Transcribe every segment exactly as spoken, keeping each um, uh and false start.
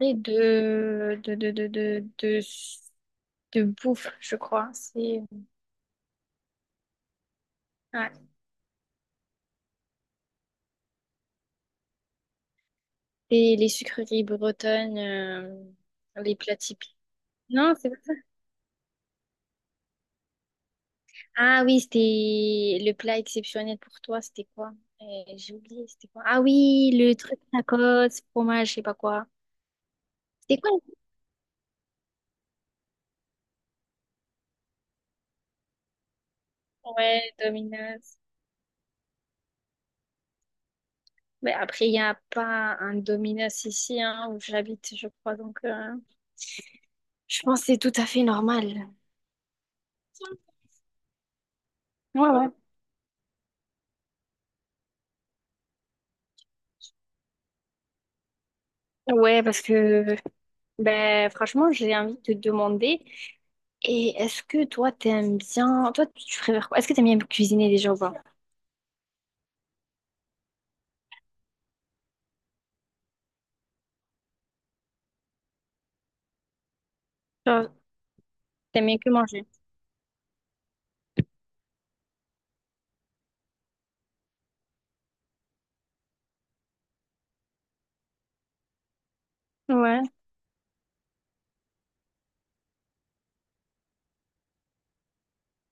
Et de, de, de, de, de, de, de bouffe, je crois. C'est Ouais. Et les sucreries bretonnes, euh, les plats typiques. Non, c'est pas ça. Ah oui, c'était le plat exceptionnel pour toi, c'était quoi? Euh, j'ai oublié, c'était quoi? Ah oui, le truc tacos, fromage, je sais pas quoi. C'était quoi? Ouais, Domino's. Mais après, il n'y a pas un Domino's ici, hein, où j'habite, je crois. Donc, euh, je pense que c'est tout à fait normal. Ouais, ouais. Ouais, parce que Ben, franchement, j'ai envie de te demander, et est-ce que toi, t'aimes bien, toi, tu préfères quoi? Est-ce que t'aimes bien cuisiner déjà ou pas? Genre, t'aimes bien que manger? Ouais.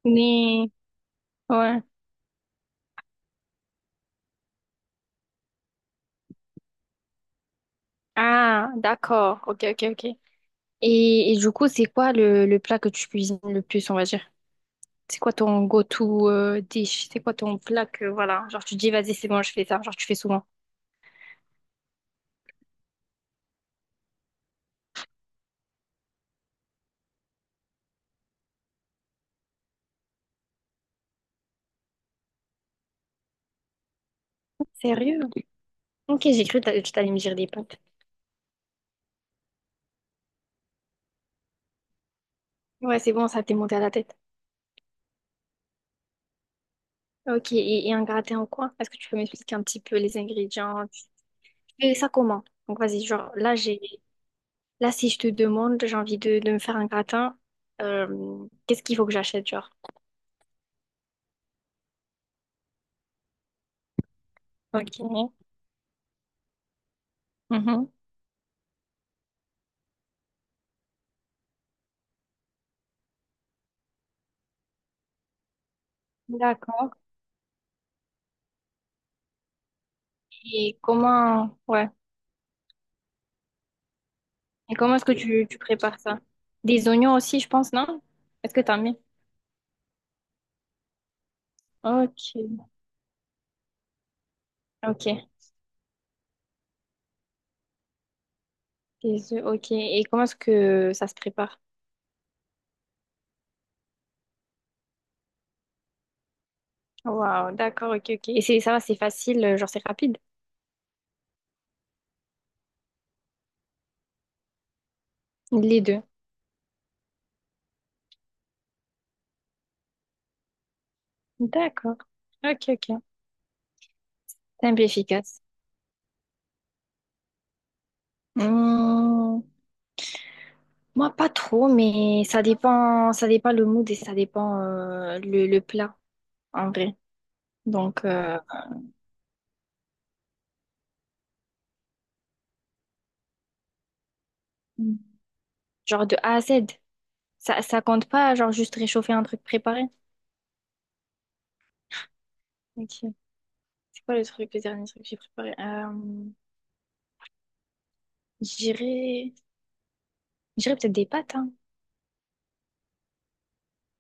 Mais, ouais. Ah, d'accord. Ok, ok, ok. Et, et du coup, c'est quoi le, le plat que tu cuisines le plus, on va dire? C'est quoi ton go-to euh, dish? C'est quoi ton plat que, voilà, genre, tu te dis, vas-y, c'est bon, je fais ça. Genre, tu fais souvent. Sérieux? Ok, j'ai cru que t'a- que t'allais me dire des pâtes. Ouais, c'est bon, ça t'est monté à la tête. Ok, et, et un gratin au coin? Est-ce que tu peux m'expliquer un petit peu les ingrédients? Tu fais ça comment? Donc vas-y, genre là j'ai là si je te demande, j'ai envie de, de me faire un gratin, euh, qu'est-ce qu'il faut que j'achète, genre? Ok. Mhm. D'accord. Et comment Ouais. Et comment est-ce que tu, tu prépares ça? Des oignons aussi, je pense, non? Est-ce que t'as mis? Ok. Ok. Des œufs, ok. Et comment est-ce que ça se prépare? Waouh, d'accord, ok, ok. Et c'est ça va, c'est facile, euh, genre c'est rapide. Les deux. D'accord. Ok, ok. T'es un peu efficace. Hum, Moi, pas trop, mais ça dépend, ça dépend le mood et ça dépend euh, le, le plat, en vrai. Donc, euh, Mm. Genre de A à Z. Ça, ça compte pas, genre juste réchauffer un truc préparé. Ok. C'est quoi le truc, le dernier truc que j'ai préparé? Euh, j'irais, J'irais peut-être des pâtes, hein.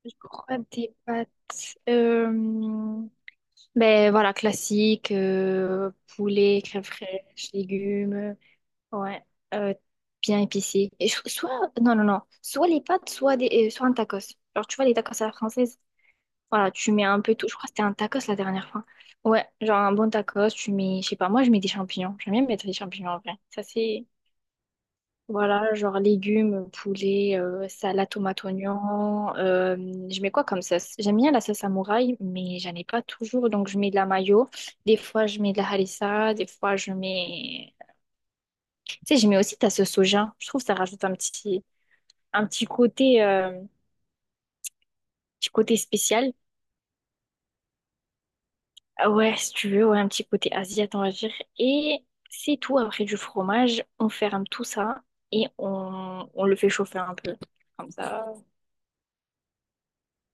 Je crois des pâtes. Euh, ben voilà, classique, euh, poulet, crème fraîche, légumes. Ouais, euh, bien épicé. Et je- soit, non, non, non. Soit les pâtes, soit, des, euh, soit un tacos. Genre, tu vois, les tacos à la française, voilà, tu mets un peu tout. Je crois que c'était un tacos la dernière fois. Ouais, genre un bon tacos, tu mets, je sais pas, moi, je mets des champignons. J'aime bien mettre des champignons en vrai. Ça, c'est, voilà, genre légumes, poulet, euh, salade, tomate, oignon. Euh, je mets quoi comme sauce? J'aime bien la sauce samouraï, mais j'en ai pas toujours. Donc, je mets de la mayo. Des fois, je mets de la harissa. Des fois, je mets. Tu sais, j'aimais aussi, t'as ce soja. Je trouve que ça rajoute un petit, un petit côté, euh, petit côté spécial. Ah ouais, si tu veux, ouais, un petit côté asiatique, on va dire. Et c'est tout. Après du fromage, on ferme tout ça et on, on le fait chauffer un peu. Comme ça.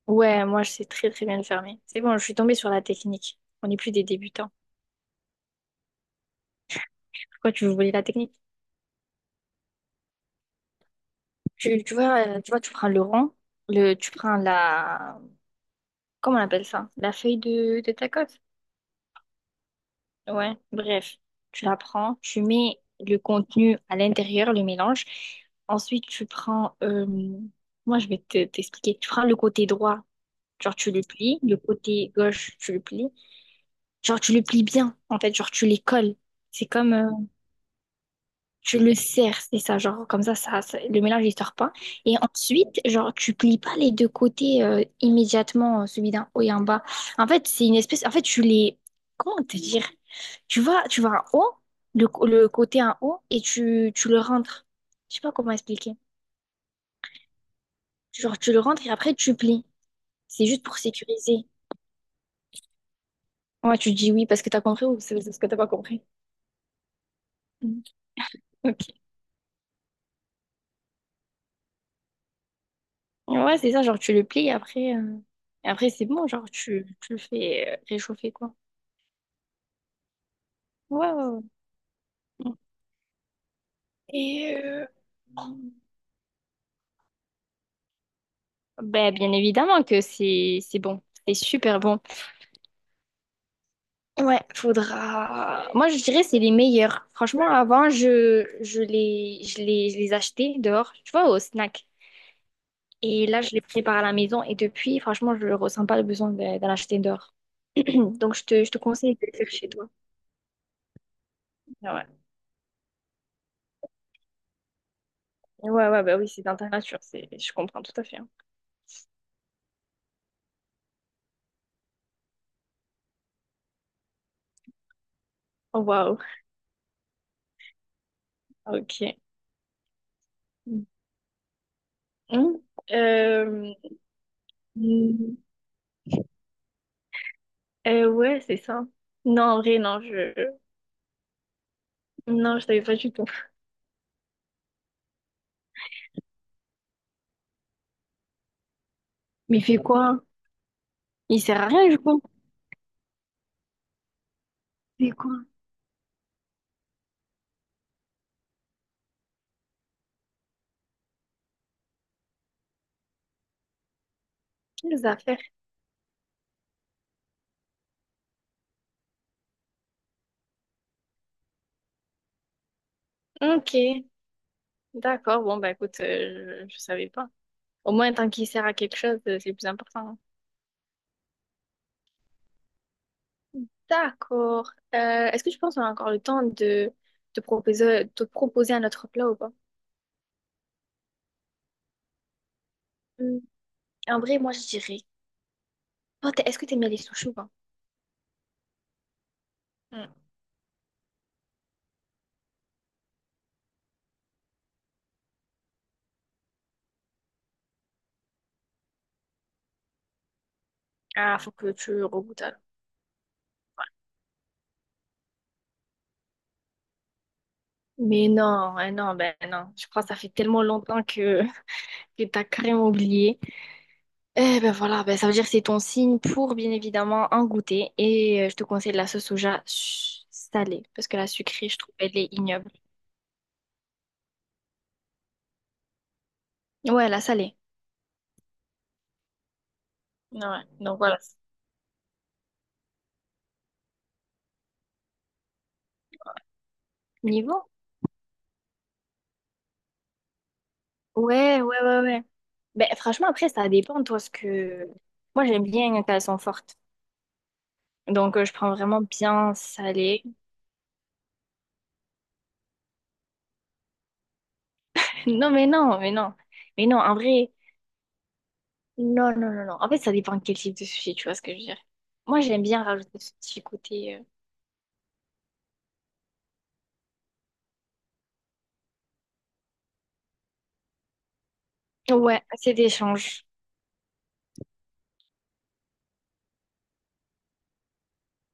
Ouais, moi, je sais très, très bien le fermer. C'est bon, je suis tombée sur la technique. On n'est plus des débutants. Pourquoi tu veux voler la technique? Tu, tu vois, euh, tu vois, tu prends le rond, le, tu prends la, comment on appelle ça? La feuille de, de tacos. Ouais, bref, tu la prends, tu mets le contenu à l'intérieur, le mélange. Ensuite, tu prends, euh, moi je vais te- t'expliquer. Tu prends le côté droit, genre tu le plies, le côté gauche, tu le plies. Genre tu le plies bien, en fait, genre tu les colles. C'est comme, euh, Tu le serres, c'est ça, genre comme ça, ça, ça- le mélange il sort pas. Et ensuite, genre tu plies pas les deux côtés euh, immédiatement, euh, celui d'un haut et un bas. En fait, c'est une espèce, en fait, tu les, comment te dire? Tu vas, tu vas en haut, le, co- le côté en haut, et tu, tu le rentres. Je sais pas comment expliquer. Genre tu le rentres et après tu plies. C'est juste pour sécuriser. Ouais, tu dis oui parce que t'as compris ou c'est parce que t'as pas compris. Mm. Ok. Ouais, c'est ça, genre tu le plies et après, euh, et après c'est bon, genre tu, tu le fais euh, réchauffer quoi. Ouais, ouais, ouais. Et euh, Ben, bien évidemment que c'est c'est bon. C'est super bon. Ouais, faudra. Moi, je dirais c'est les meilleurs. Franchement, avant, je, je les, je les, je les achetais dehors, tu vois, au snack. Et là, je les prépare à la maison. Et depuis, franchement, je ne ressens pas le besoin de- d'en acheter dehors. Donc, je te, je te conseille de le faire chez toi. Ah, Ouais, ouais, ouais, bah oui, c'est dans ta nature. C'est, je comprends tout à fait. Hein. Oh, Waouh, ok. Hmm. Euh, Euh, ouais, c'est ça. Non, en vrai, non, je... Non, je savais pas du tout. Mais il fait quoi? Il sert à rien, du coup. Il fait quoi? Quelles affaires? Ok, d'accord. Bon, bah écoute, euh, je, je savais pas. Au moins, tant qu'il sert à quelque chose, euh, c'est le plus important. D'accord. Euh, est-ce que tu penses qu'on a encore le temps de te proposer, te proposer un autre plat ou pas? Hmm, En vrai, moi, je dirais... Toi, t'es- est-ce que t'aimes bien les sushis ou pas? Hmm. Ah, faut que tu regoutes alors. Mais non, hein, non, ben non. Je crois que ça fait tellement longtemps que... Et t'as carrément oublié. Eh ben voilà, ben ça veut dire que c'est ton signe pour bien évidemment en goûter. Et euh, je te conseille de la sauce soja su- salée. Parce que la sucrée, je trouve, elle est ignoble. Ouais, la salée. Ouais, donc voilà. Niveau? Ouais, ouais, ouais, ouais. Ben franchement, après, ça dépend, toi, ce que. Moi, j'aime bien quand elles sont fortes. Donc, euh, je prends vraiment bien salée. Non, mais non, mais non. Mais non, en vrai, non, non, non, non. En fait, ça dépend de quel type de sushi, tu vois ce que je veux dire. Moi, j'aime bien rajouter ce petit côté. euh, Ouais, assez d'échanges.